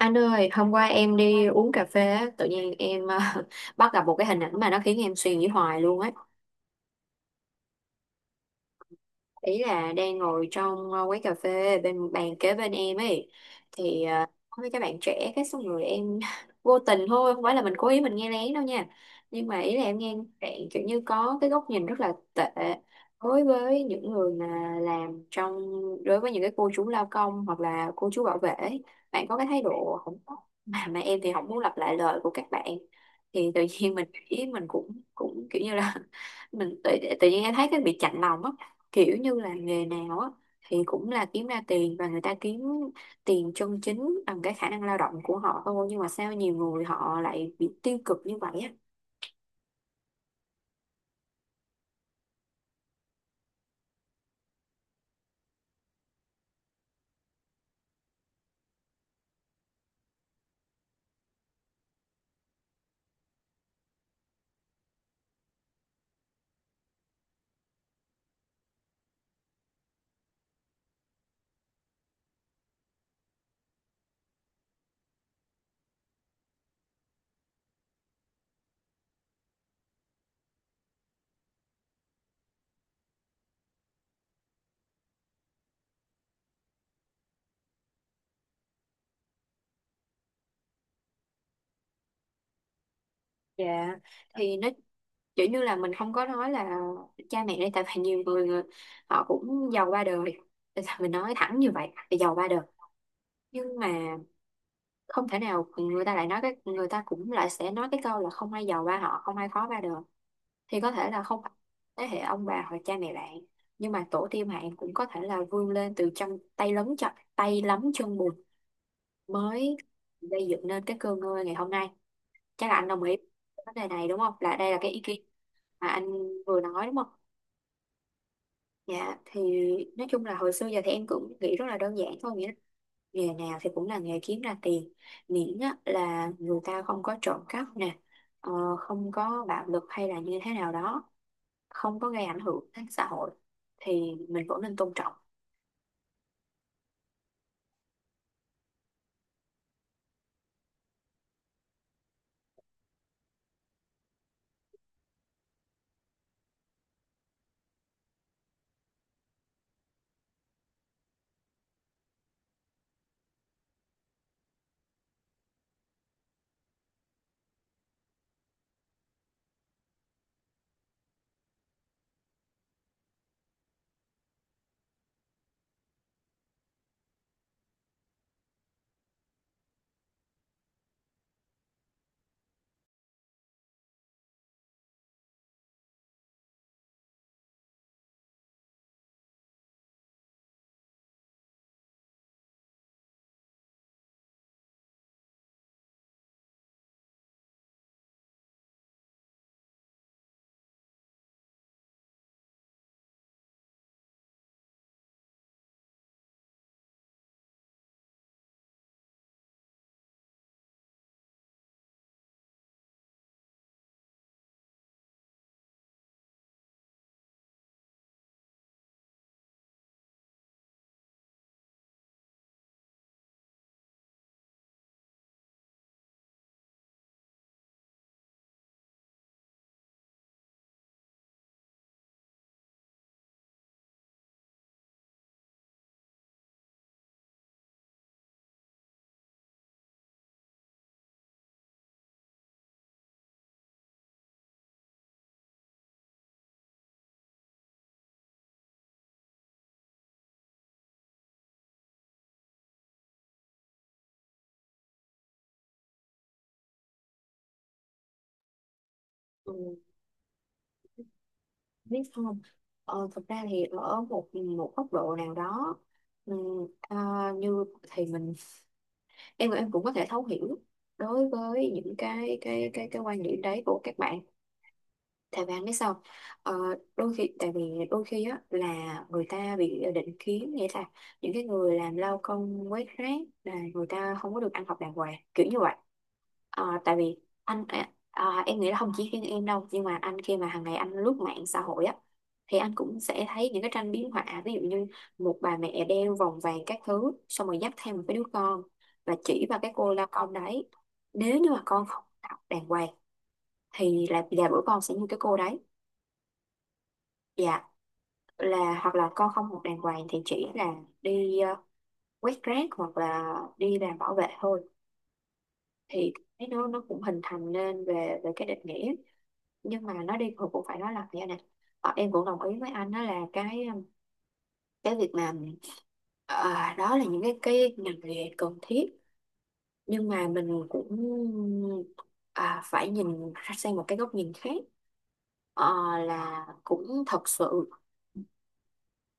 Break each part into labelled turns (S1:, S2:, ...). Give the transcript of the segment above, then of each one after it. S1: Anh ơi, hôm qua em đi uống cà phê á, tự nhiên em bắt gặp một cái hình ảnh mà nó khiến em suy nghĩ hoài luôn ấy. Ý là đang ngồi trong quán cà phê bên bàn kế bên em ấy thì có mấy các bạn trẻ cái xong rồi em vô tình thôi, không phải là mình cố ý mình nghe lén đâu nha, nhưng mà ý là em nghe bạn kiểu như có cái góc nhìn rất là tệ đối với những người mà làm trong, đối với những cái cô chú lao công hoặc là cô chú bảo vệ ấy. Bạn có cái thái độ không tốt, mà em thì không muốn lặp lại lời của các bạn. Thì tự nhiên mình ý mình cũng cũng kiểu như là mình tự, tự nhiên em thấy cái bị chạnh lòng á, kiểu như là nghề nào á thì cũng là kiếm ra tiền, và người ta kiếm tiền chân chính bằng cái khả năng lao động của họ thôi, nhưng mà sao nhiều người họ lại bị tiêu cực như vậy á. Dạ thì nó kiểu như là mình không có nói là cha mẹ đây, tại vì nhiều người họ cũng giàu ba đời. Tại sao mình nói thẳng như vậy là giàu ba đời? Nhưng mà không thể nào người ta lại nói cái, người ta cũng lại sẽ nói cái câu là không ai giàu ba họ, không ai khó ba đời. Thì có thể là không phải thế hệ ông bà hoặc cha mẹ bạn, nhưng mà tổ tiên bạn cũng có thể là vươn lên từ chân tay lấm, chân tay lấm chân bùn mới gây dựng nên cái cơ ngơi ngày hôm nay. Chắc là anh đồng ý với vấn đề này đúng không, là đây là cái ý kiến mà anh vừa nói đúng không? Dạ thì nói chung là hồi xưa giờ thì em cũng nghĩ rất là đơn giản thôi, nghĩa là nghề nào thì cũng là nghề kiếm ra tiền, miễn á, là người ta không có trộm cắp nè, ờ, không có bạo lực hay là như thế nào đó, không có gây ảnh hưởng đến xã hội, thì mình vẫn nên tôn trọng. Ừ, biết không, thực ra thì ở một một góc độ nào đó, ừ, à, như thì mình, em cũng có thể thấu hiểu đối với những cái quan điểm đấy của các bạn. Thầy Vàng biết sao? ờ, đôi khi, tại vì đôi khi á là người ta bị định kiến, nghĩa là những cái người làm lao công quét rác là người ta không có được ăn học đàng hoàng kiểu như vậy. Tại vì anh em nghĩ là không chỉ riêng em đâu, nhưng mà anh, khi mà hàng ngày anh lướt mạng xã hội á, thì anh cũng sẽ thấy những cái tranh biếm họa, ví dụ như một bà mẹ đeo vòng vàng các thứ xong rồi dắt theo một cái đứa con và chỉ vào cái cô lao công đấy: nếu như mà con không học đàng hoàng thì là bữa con sẽ như cái cô đấy. Dạ, là hoặc là con không học đàng hoàng thì chỉ là đi quét rác hoặc là đi làm bảo vệ thôi. Thì cái, nó cũng hình thành nên về về cái định nghĩa, nhưng mà nó đi hồi cũng phải nói là như này. Em cũng đồng ý với anh, đó là cái, cái việc mà, đó là những cái ngành nghề cần thiết, nhưng mà mình cũng, phải nhìn ra sang một cái góc nhìn khác. Ờ, là cũng thật sự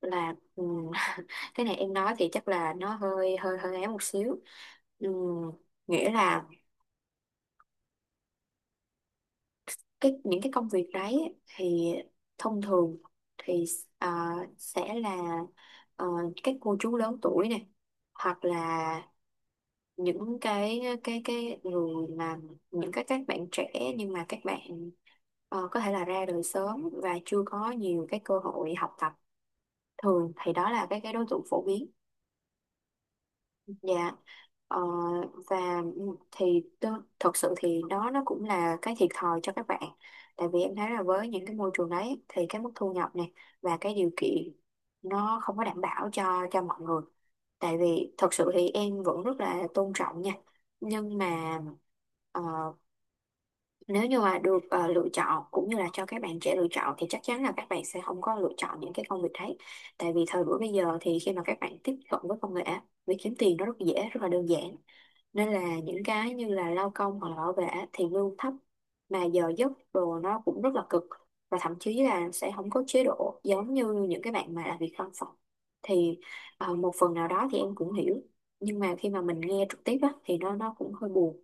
S1: là, cái này em nói thì chắc là nó hơi hơi hơi ấy một xíu. Ừm, Nghĩa là cái những cái công việc đấy ấy, thì thông thường thì, ờ, sẽ là, ờ, các cô chú lớn tuổi này, hoặc là những cái người mà những cái các bạn trẻ nhưng mà các bạn, có thể là ra đời sớm và chưa có nhiều cái cơ hội học tập, thường thì đó là cái đối tượng phổ biến. Dạ, ờ, và thì thật sự thì đó, nó cũng là cái thiệt thòi cho các bạn. Tại vì em thấy là với những cái môi trường đấy thì cái mức thu nhập này và cái điều kiện nó không có đảm bảo cho mọi người. Tại vì thật sự thì em vẫn rất là tôn trọng nha. Nhưng mà, ờ, nếu như mà được, lựa chọn cũng như là cho các bạn trẻ lựa chọn, thì chắc chắn là các bạn sẽ không có lựa chọn những cái công việc đấy, tại vì thời buổi bây giờ thì khi mà các bạn tiếp cận với công nghệ, việc kiếm tiền nó rất dễ, rất là đơn giản, nên là những cái như là lao công hoặc là bảo vệ thì lương thấp mà giờ giấc đồ nó cũng rất là cực, và thậm chí là sẽ không có chế độ giống như những cái bạn mà làm việc văn phòng. Thì, một phần nào đó thì em cũng hiểu, nhưng mà khi mà mình nghe trực tiếp á, thì nó cũng hơi buồn.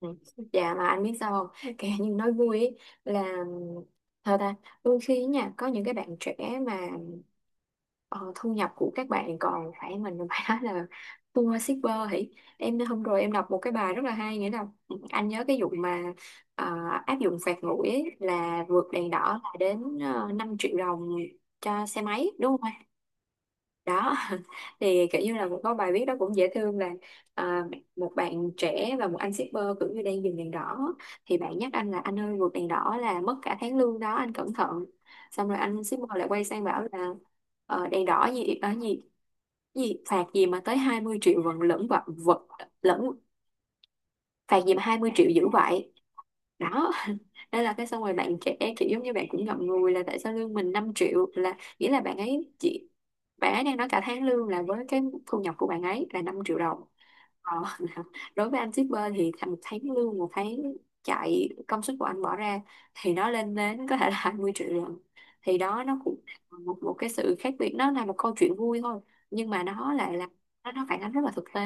S1: Ừ. Dạ mà anh biết sao không, kể như nói vui ý, là thật ta đôi khi nha có những cái bạn trẻ mà, ờ, thu nhập của các bạn còn phải, mình phải nói là thua shipper hỉ. Em hôm rồi em đọc một cái bài rất là hay, nghĩa là ừ, anh nhớ cái vụ mà, ờ, áp dụng phạt nguội ấy, là vượt đèn đỏ là đến 5 triệu đồng cho xe máy đúng không? Đó, thì kiểu như là cũng có bài viết đó cũng dễ thương là, à, một bạn trẻ và một anh shipper kiểu như đang dừng đèn đỏ, thì bạn nhắc anh là anh ơi vượt đèn đỏ là mất cả tháng lương đó anh cẩn thận, xong rồi anh shipper lại quay sang bảo là, đèn đỏ gì ở gì, gì phạt gì mà tới 20 triệu vẫn lẫn vật vật lẫn, phạt gì mà 20 triệu dữ vậy. Đó. Đây là cái, xong rồi bạn trẻ kiểu giống như bạn cũng ngậm ngùi là tại sao lương mình 5 triệu, là nghĩa là bạn ấy chỉ, bạn ấy đang nói cả tháng lương là với cái thu nhập của bạn ấy là 5 triệu đồng. Ờ, đối với anh shipper thì một tháng lương, một tháng chạy công sức của anh bỏ ra thì nó lên đến có thể là 20 triệu lần, thì đó nó cũng là một một cái sự khác biệt. Nó là một câu chuyện vui thôi, nhưng mà nó lại là, nó phản ánh rất là thực tế.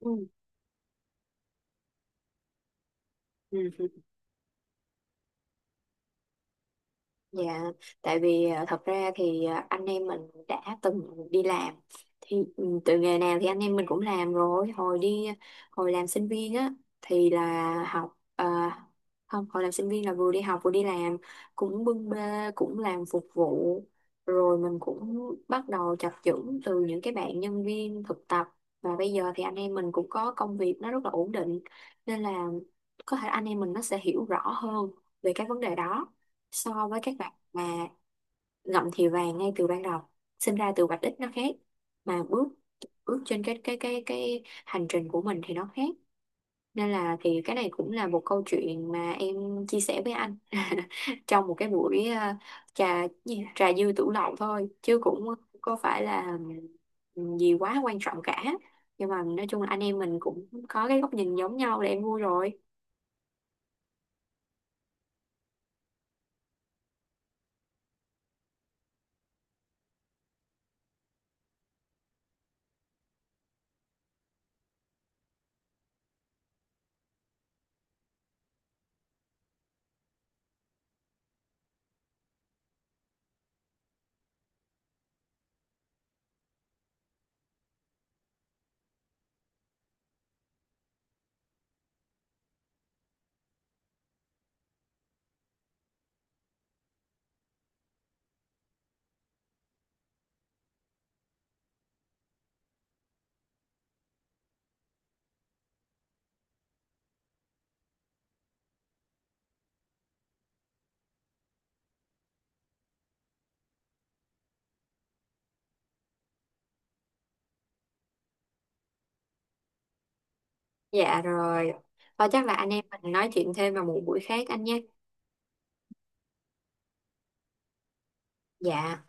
S1: Ừ. Ừ. Dạ, tại vì à, thật ra thì à, anh em mình đã từng đi làm thì ừ, từ nghề nào thì anh em mình cũng làm rồi, hồi đi, hồi làm sinh viên á thì là học à, không, hồi làm sinh viên là vừa đi học vừa đi làm, cũng bưng bê cũng làm phục vụ, rồi mình cũng bắt đầu chập chững từ những cái bạn nhân viên thực tập, và bây giờ thì anh em mình cũng có công việc nó rất là ổn định, nên là có thể anh em mình nó sẽ hiểu rõ hơn về cái vấn đề đó so với các bạn mà ngậm thì vàng ngay từ ban đầu. Sinh ra từ vạch đích nó khác, mà bước bước trên cái hành trình của mình thì nó khác. Nên là thì cái này cũng là một câu chuyện mà em chia sẻ với anh trong một cái buổi, trà gì? Trà dư tửu lậu thôi chứ cũng có phải là gì quá quan trọng cả, nhưng mà nói chung là anh em mình cũng có cái góc nhìn giống nhau là em vui rồi. Dạ rồi, và chắc là anh em mình nói chuyện thêm vào một buổi khác anh nhé. Dạ.